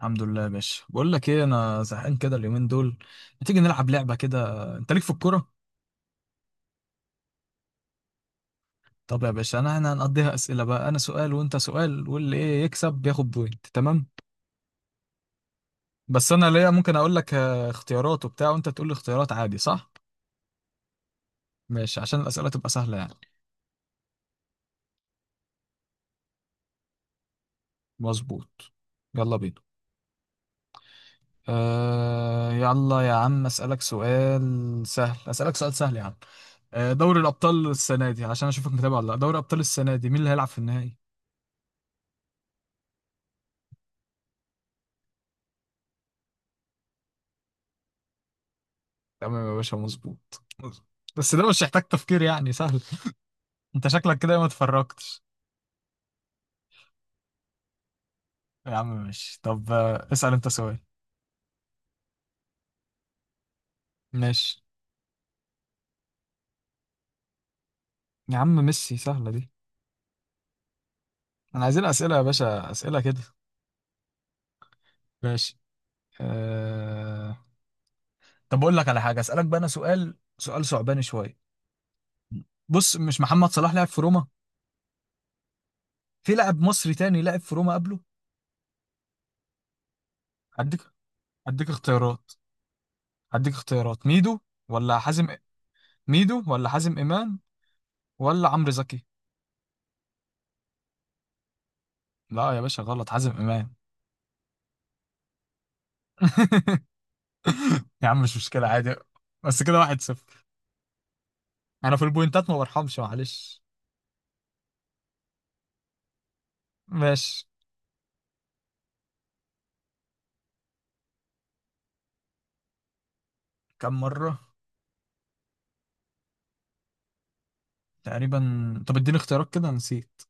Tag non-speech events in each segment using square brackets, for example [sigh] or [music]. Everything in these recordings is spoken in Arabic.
الحمد لله يا باشا، بقول لك ايه؟ انا زهقان كده اليومين دول. ما تيجي نلعب لعبه كده؟ انت ليك في الكوره؟ طب يا باشا، انا هنقضيها اسئله بقى. انا سؤال وانت سؤال، واللي ايه يكسب بياخد بوينت، تمام؟ بس انا ليا، ممكن اقول لك اختيارات وبتاع، وانت تقول لي اختيارات، عادي صح؟ ماشي، عشان الاسئله تبقى سهله يعني. مظبوط. يلا بينا. يلا يا عم. اسالك سؤال سهل، اسالك سؤال سهل يا عم. دوري الابطال السنه دي، عشان اشوفك متابع ولا لا، دوري ابطال السنه دي مين اللي هيلعب في النهائي؟ تمام يا باشا، مظبوط. بس ده مش يحتاج تفكير يعني، سهل. انت شكلك كده ما اتفرجتش. يا عم ماشي. طب اسأل انت سؤال. ماشي. يا عم ميسي، سهلة دي. انا عايزين اسئلة يا باشا، اسئلة كده. ماشي. أه... طب اقول لك على حاجة، اسألك بقى انا سؤال، سؤال صعباني شوية. بص، مش محمد صلاح لعب في روما؟ في لاعب مصري تاني لعب في روما قبله. هديك. هديك اختيارات هديك اختيارات ولا حازم ميدو ولا حازم امام، ولا عمرو زكي؟ لا يا باشا، غلط، حازم امام. [laughs] [laughs] يا عم مش مشكلة، عادي. بس كده واحد صفر. أنا في البوينتات ما برحمش، معلش. ماشي. كم مرة؟ تقريبا. طب اديني اختيارات كده، نسيت.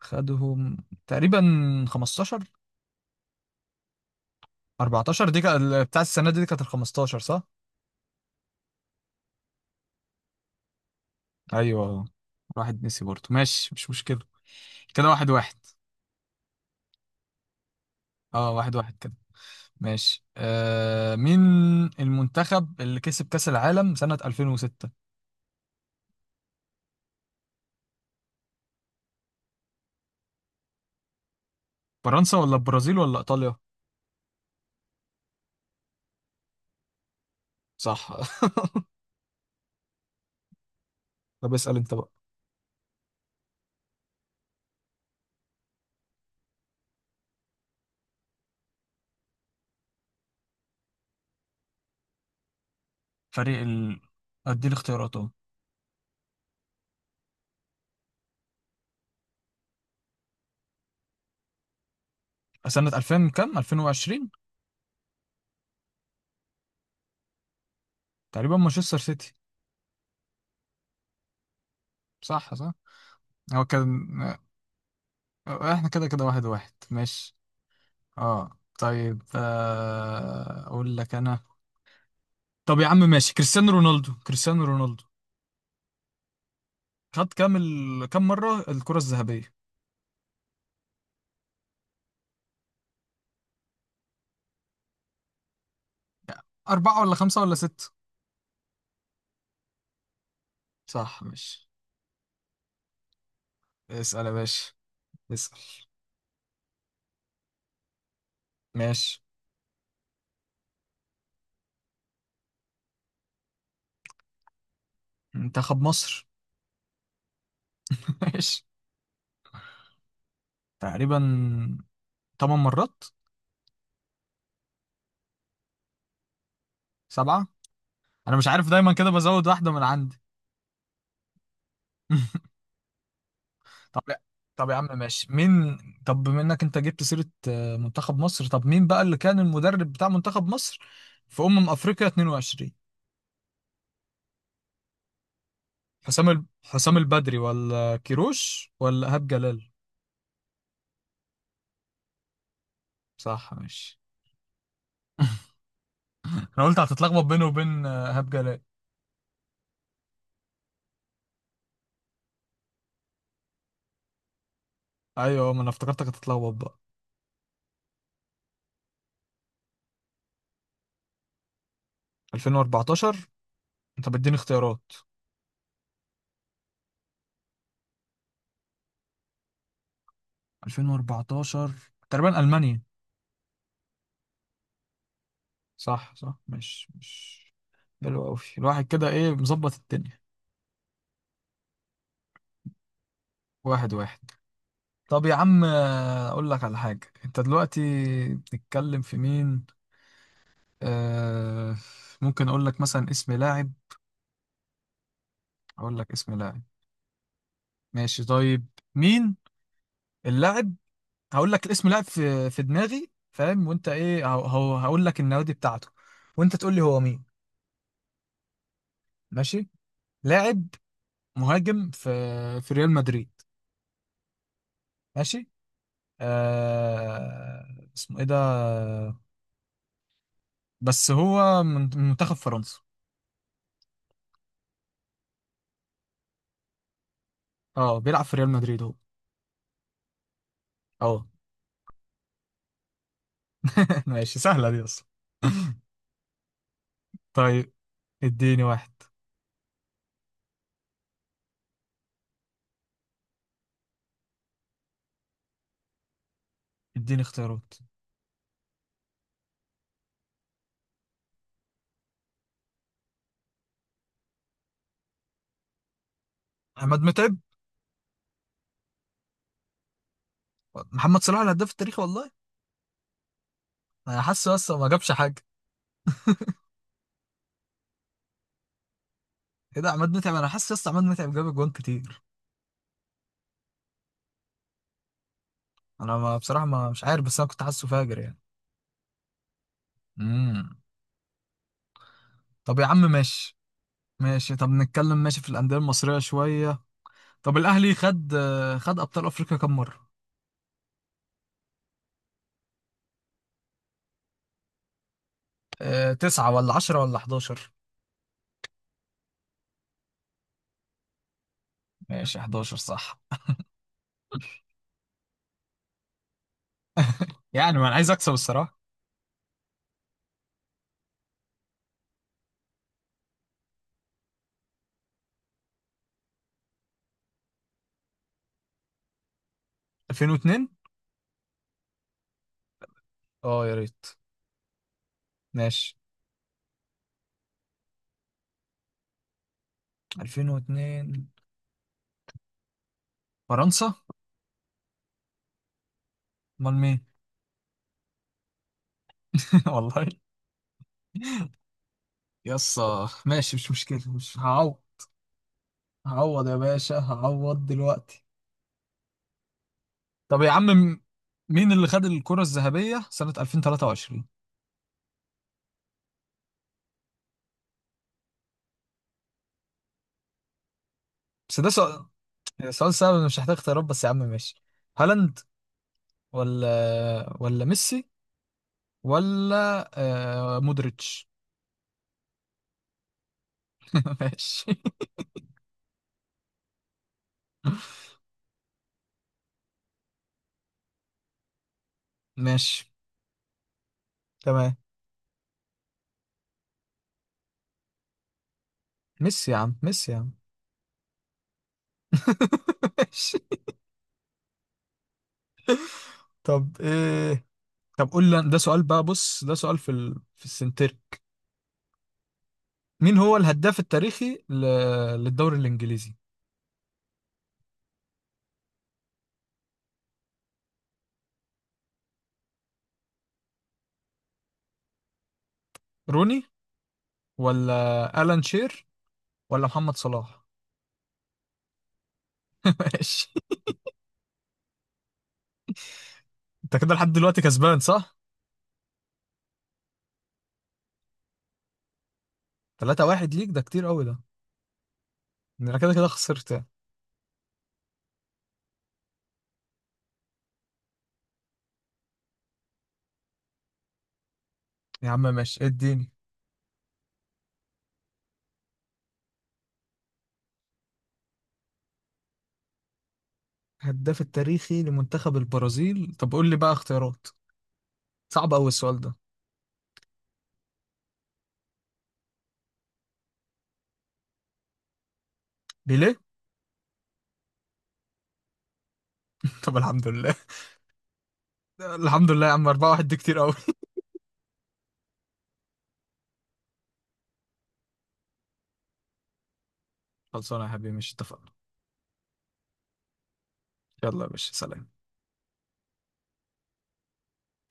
خدهم. تقريبا 15. 14 دي كانت بتاع السنة دي، دي كانت ال 15 صح؟ أيوه. واحد نسي برضه، ماشي مش مشكلة. كده واحد واحد. اه واحد واحد كده. ماشي. مين المنتخب اللي كسب كأس العالم سنة 2006؟ فرنسا ولا البرازيل ولا إيطاليا؟ صح. [laughs] طب اسأل انت بقى. فريق ال... ادي الاختيارات اهو. سنة 2000 كام، 2020؟ تقريبا مانشستر سيتي. صح صح. هو كان... احنا كده كده واحد واحد، ماشي. اه طيب، اقول لك انا. طب يا عم ماشي، كريستيانو رونالدو، كريستيانو رونالدو خد كام كام مرة الكرة الذهبية؟ أربعة ولا خمسة ولا ستة؟ صح، ماشي. اسأل يا باشا. اسأل. ماشي. منتخب مصر. [laughs] ماشي. تقريبا تمن مرات. سبعة. انا مش عارف، دايما كده بزود واحده من عندي. [laughs] طب لا، طب يا عم ماشي. مين؟ طب بما انك انت جبت سيره منتخب مصر، طب مين بقى اللي كان المدرب بتاع منتخب مصر في افريقيا 22؟ حسام حسام البدري ولا كيروش ولا ايهاب جلال؟ صح، ماشي. [laughs] انا قلت هتتلخبط بينه وبين ايهاب جلال. ايوه، ما انا افتكرتك هتتلخبط بقى. 2014. انت بتديني اختيارات؟ 2014 تقريبا، المانيا. صح صح، مش حلو قوي الواحد كده؟ ايه، مظبط الدنيا. واحد واحد. طب يا عم اقول لك على حاجة. انت دلوقتي بتتكلم في مين؟ آه ممكن اقول لك مثلا اسم لاعب، اقول لك اسم لاعب. ماشي طيب. مين اللاعب؟ هقول لك الاسم، لاعب في دماغي فاهم؟ وانت ايه، هقول لك النوادي بتاعته وانت تقول لي هو مين. ماشي. لاعب مهاجم في ريال مدريد. ماشي. آه اسمه ايه ده؟ بس هو من منتخب فرنسا. اه، بيلعب في ريال مدريد هو. اه. [laughs] ماشي، سهلة دي اصلا. طيب اديني واحد. اديني اختيارات. احمد متعب. محمد صلاح الهداف التاريخي والله؟ انا حاسه لسه ما جابش حاجه. ايه ده؟ عماد متعب، انا حاسس لسه عماد متعب جاب اجوان كتير. انا ما بصراحه، ما مش عارف، بس انا كنت حاسه فاجر يعني. امم. طب يا عم ماشي. ماشي، طب نتكلم ماشي في الانديه المصريه شويه. طب الاهلي خد، خد ابطال افريقيا كام مره؟ تسعة ولا عشرة ولا 11؟ ماشي، 11 صح. يعني ما انا عايز اكسب الصراحة. 2002. اه يا ريت. ماشي. 2002 فرنسا؟ امال مين؟ [laughs] والله. يسا، ماشي مش مشكلة، مش هعوض. هعوض يا باشا، هعوض دلوقتي. طب يا عم مين اللي خد الكرة الذهبية سنة 2023؟ بس ده سؤال، يعني سؤال سهل، أنا مش محتاج اختيارات، بس يا عم ماشي. هالاند ولا ميسي ولا مودريتش؟ [laughs] ماشي. ماشي تمام. ميسي يا عم، ميسي يا عم. [laughs] ماشي. طب ايه؟ طب قول لي، ده سؤال بقى، بص ده سؤال في في السنتر. مين هو الهداف التاريخي للدوري الانجليزي؟ روني ولا الان شير ولا محمد صلاح؟ [laughs] ماشي. انت كده لحد دلوقتي كسبان صح؟ 3-1 ليك، ده كتير قوي ده. انا كده كده خسرت يعني. يا عم ماشي، اديني. الهداف التاريخي لمنتخب البرازيل؟ طب قول لي بقى اختيارات. صعب قوي السؤال ده. ليه؟ [laughs] طب الحمد لله. الحمد لله يا عم، 4 واحد دي كتير قوي. خلصانه يا حبيبي، مش اتفقنا؟ يلا يا باشا، سلام.